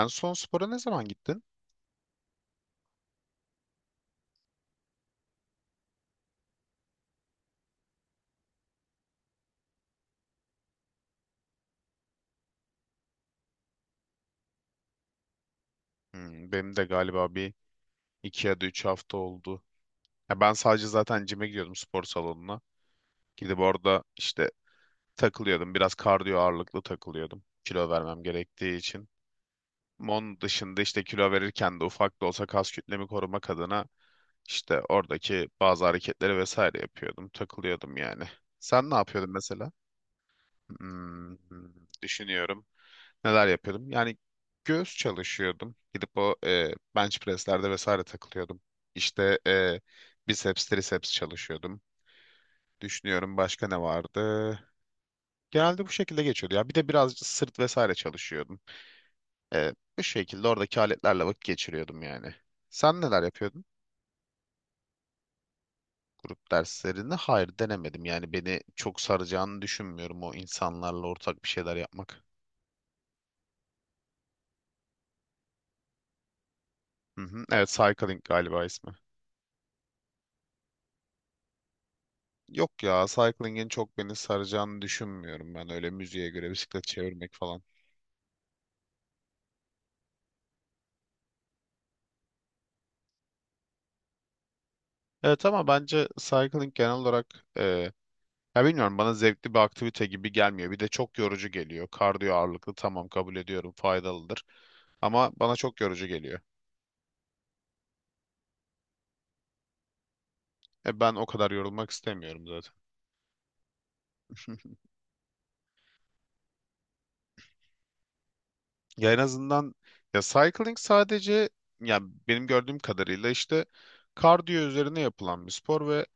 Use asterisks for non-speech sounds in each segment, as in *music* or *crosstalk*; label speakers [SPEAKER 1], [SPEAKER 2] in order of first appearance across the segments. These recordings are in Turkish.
[SPEAKER 1] En son spora ne zaman gittin? Hmm, benim de galiba bir iki ya da üç hafta oldu. Ya ben sadece zaten cime gidiyordum spor salonuna. Gidip orada işte takılıyordum. Biraz kardiyo ağırlıklı takılıyordum. Kilo vermem gerektiği için. Onun dışında işte kilo verirken de ufak da olsa kas kütlemi korumak adına işte oradaki bazı hareketleri vesaire yapıyordum. Takılıyordum yani. Sen ne yapıyordun mesela? Hmm, düşünüyorum. Neler yapıyordum? Yani göğüs çalışıyordum. Gidip o bench presslerde vesaire takılıyordum. İşte biceps, triceps çalışıyordum. Düşünüyorum başka ne vardı? Genelde bu şekilde geçiyordu. Ya bir de birazcık sırt vesaire çalışıyordum. E, Bu şekilde oradaki aletlerle vakit geçiriyordum yani. Sen neler yapıyordun? Grup derslerini hayır denemedim. Yani beni çok saracağını düşünmüyorum o insanlarla ortak bir şeyler yapmak. Hı hı. Evet, cycling galiba ismi. Yok ya, cycling'in çok beni saracağını düşünmüyorum ben öyle müziğe göre bisiklet çevirmek falan. Evet ama bence cycling genel olarak ya bilmiyorum bana zevkli bir aktivite gibi gelmiyor. Bir de çok yorucu geliyor. Kardiyo ağırlıklı tamam kabul ediyorum faydalıdır ama bana çok yorucu geliyor. Ben o kadar yorulmak istemiyorum zaten. *laughs* Ya en azından ya cycling sadece ya benim gördüğüm kadarıyla işte kardiyo üzerine yapılan bir spor ve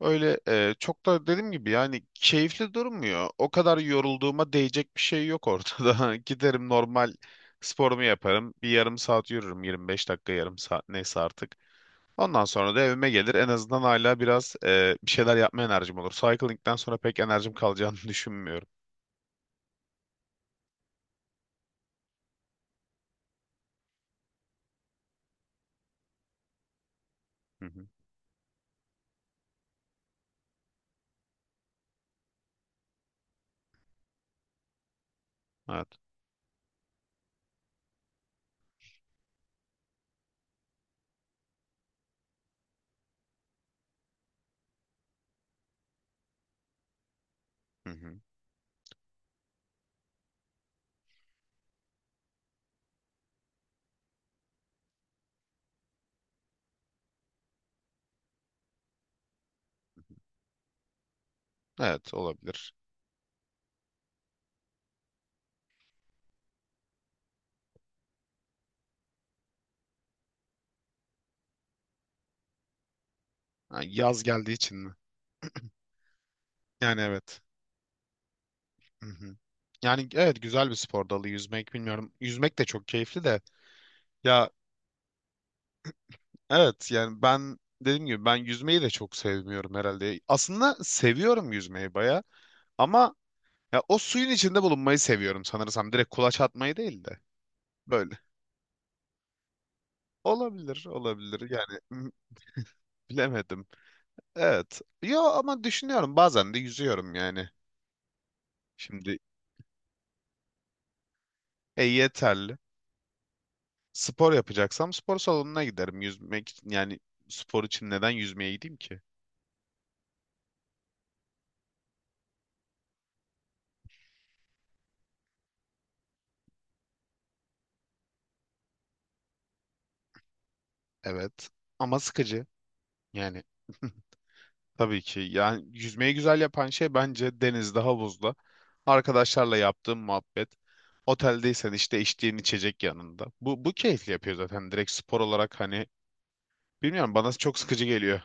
[SPEAKER 1] öyle çok da dediğim gibi yani keyifli durmuyor. O kadar yorulduğuma değecek bir şey yok ortada. *laughs* Giderim normal sporumu yaparım. Bir yarım saat yürürüm. 25 dakika yarım saat neyse artık. Ondan sonra da evime gelir. En azından hala biraz bir şeyler yapma enerjim olur. Cycling'den sonra pek enerjim kalacağını *laughs* düşünmüyorum. Hı hı. Evet. Hı hı. Evet olabilir. Ha, yaz geldiği için mi? Yani evet. Hı hı. Yani evet güzel bir spor dalı yüzmek bilmiyorum. Yüzmek de çok keyifli de. Ya evet yani ben dediğim gibi ben yüzmeyi de çok sevmiyorum herhalde. Aslında seviyorum yüzmeyi baya ama ya o suyun içinde bulunmayı seviyorum sanırsam. Direkt kulaç atmayı değil de böyle. Olabilir, olabilir yani bilemedim. Evet. Yo ama düşünüyorum bazen de yüzüyorum yani. Şimdi yeterli. Spor yapacaksam spor salonuna giderim. Yüzmek için yani spor için neden yüzmeye gideyim ki? Evet ama sıkıcı yani. *laughs* Tabii ki. Yani yüzmeyi güzel yapan şey bence denizde, havuzda. Arkadaşlarla yaptığım muhabbet. Oteldeysen işte içtiğin içecek yanında. Bu keyifli yapıyor zaten. Direkt spor olarak hani bilmiyorum bana çok sıkıcı geliyor.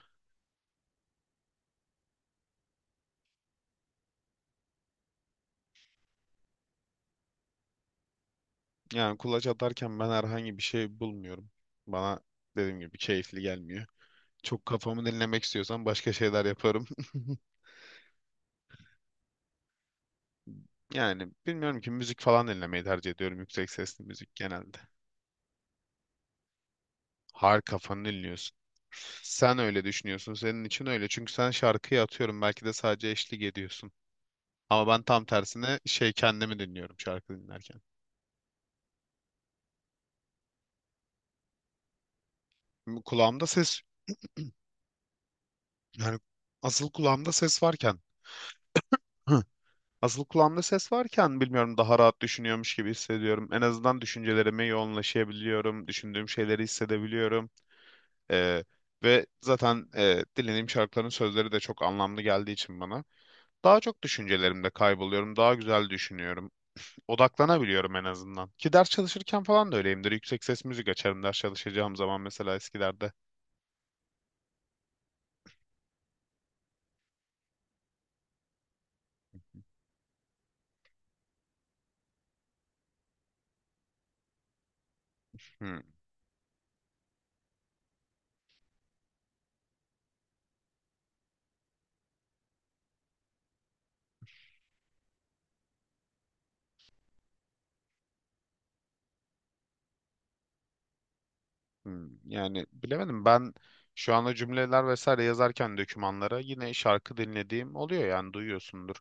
[SPEAKER 1] Yani kulaç atarken ben herhangi bir şey bulmuyorum. Bana dediğim gibi keyifli gelmiyor. Çok kafamı dinlemek istiyorsan başka şeyler yaparım. *laughs* Yani bilmiyorum ki müzik falan dinlemeyi tercih ediyorum. Yüksek sesli müzik genelde. Harika kafanı dinliyorsun. Sen öyle düşünüyorsun. Senin için öyle. Çünkü sen şarkıyı atıyorum. Belki de sadece eşlik ediyorsun. Ama ben tam tersine şey kendimi dinliyorum şarkı dinlerken. Kulağımda ses yani asıl kulağımda ses varken Hı. asıl kulağımda ses varken bilmiyorum daha rahat düşünüyormuş gibi hissediyorum. En azından düşüncelerime yoğunlaşabiliyorum. Düşündüğüm şeyleri hissedebiliyorum. Ee, ve zaten dinlediğim şarkıların sözleri de çok anlamlı geldiği için bana daha çok düşüncelerimde kayboluyorum. Daha güzel düşünüyorum. Odaklanabiliyorum en azından. Ki ders çalışırken falan da öyleyimdir. Yüksek ses müzik açarım ders çalışacağım zaman mesela eskilerde. Hmm, hmm. Yani bilemedim ben şu anda cümleler vesaire yazarken dokümanlara yine şarkı dinlediğim oluyor yani duyuyorsundur.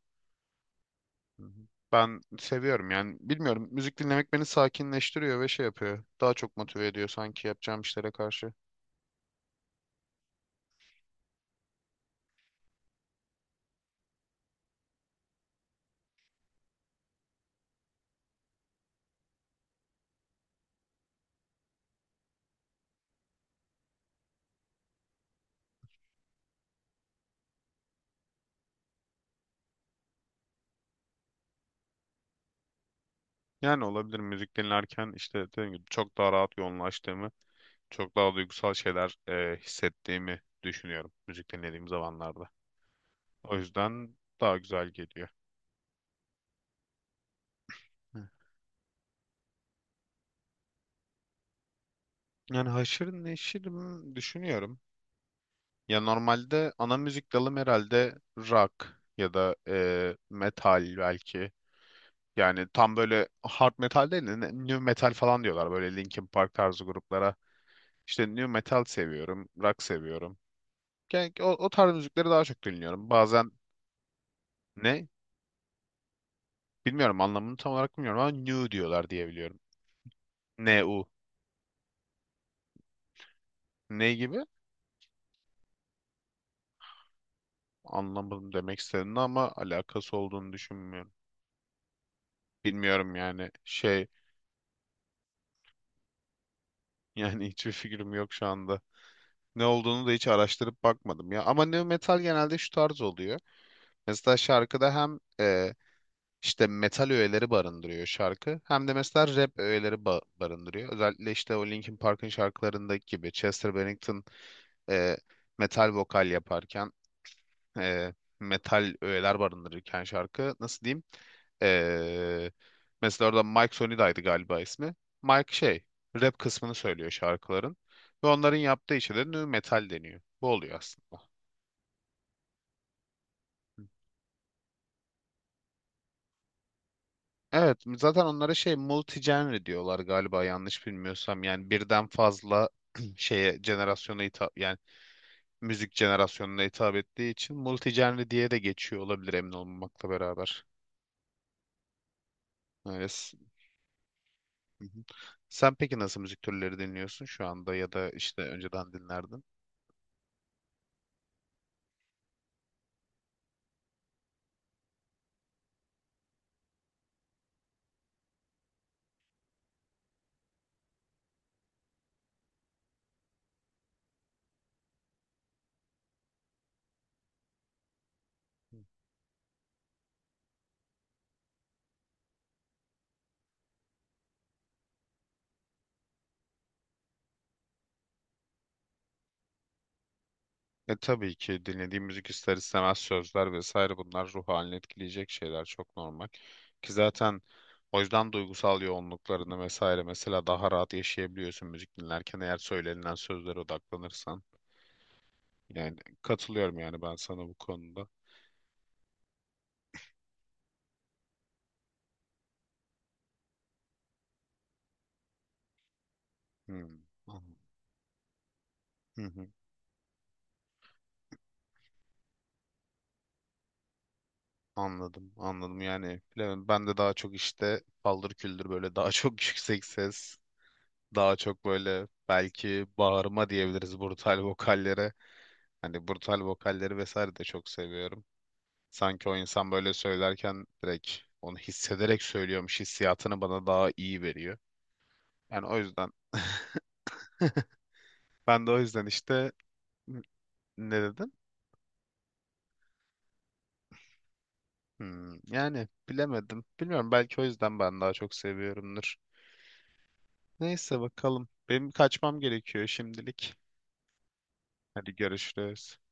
[SPEAKER 1] Hı hı. Ben seviyorum yani bilmiyorum müzik dinlemek beni sakinleştiriyor ve şey yapıyor. Daha çok motive ediyor sanki yapacağım işlere karşı. Yani olabilir müzik dinlerken işte dediğim gibi çok daha rahat yoğunlaştığımı çok daha duygusal şeyler hissettiğimi düşünüyorum müzik dinlediğim zamanlarda. O yüzden daha güzel geliyor. Hı. Yani haşır neşir mi düşünüyorum. Ya normalde ana müzik dalım herhalde rock ya da metal belki. Yani tam böyle hard metal değil de new metal falan diyorlar böyle Linkin Park tarzı gruplara. İşte new metal seviyorum, rock seviyorum. Yani o tarz müzikleri daha çok dinliyorum. Bazen ne? Bilmiyorum anlamını tam olarak bilmiyorum ama new diyorlar diye biliyorum. Ne u ne gibi? Anlamadım demek istediğini ama alakası olduğunu düşünmüyorum. Bilmiyorum yani şey *laughs* yani hiçbir fikrim yok şu anda. Ne olduğunu da hiç araştırıp bakmadım ya. Ama nu metal genelde şu tarz oluyor. Mesela şarkıda hem işte metal öğeleri barındırıyor şarkı hem de mesela rap öğeleri barındırıyor. Özellikle işte o Linkin Park'ın şarkılarındaki gibi Chester Bennington e, metal vokal yaparken e, metal öğeler barındırırken şarkı nasıl diyeyim? E, Mesela orada Mike Sonida'ydı galiba ismi. Mike şey rap kısmını söylüyor şarkıların ve onların yaptığı işe de nu metal deniyor. Bu oluyor aslında. Evet, zaten onlara şey multi-genre diyorlar galiba yanlış bilmiyorsam. Yani birden fazla *clears throat* şeye jenerasyona hitap yani müzik jenerasyonuna hitap ettiği için multi-genre diye de geçiyor olabilir emin olmamakla beraber. Öyle. Hı hı. Sen peki nasıl müzik türleri dinliyorsun şu anda ya da işte önceden dinlerdin? E tabii ki dinlediğim müzik ister istemez sözler vesaire bunlar ruh halini etkileyecek şeyler çok normal. Ki zaten o yüzden duygusal yoğunluklarını vesaire mesela daha rahat yaşayabiliyorsun müzik dinlerken eğer söylenilen sözlere odaklanırsan. Yani katılıyorum yani ben sana bu konuda. Hmm. An- Hı hı. Anladım, anladım. Yani bilemedim. Ben de daha çok işte paldır küldür böyle daha çok *laughs* yüksek ses daha çok böyle belki bağırma diyebiliriz brutal vokallere. Hani brutal vokalleri vesaire de çok seviyorum. Sanki o insan böyle söylerken direkt onu hissederek söylüyormuş hissiyatını bana daha iyi veriyor. Yani o yüzden *laughs* ben de o yüzden işte ne dedim? Hmm, yani bilemedim. Bilmiyorum belki o yüzden ben daha çok seviyorumdur. Neyse bakalım. Benim kaçmam gerekiyor şimdilik. Hadi görüşürüz.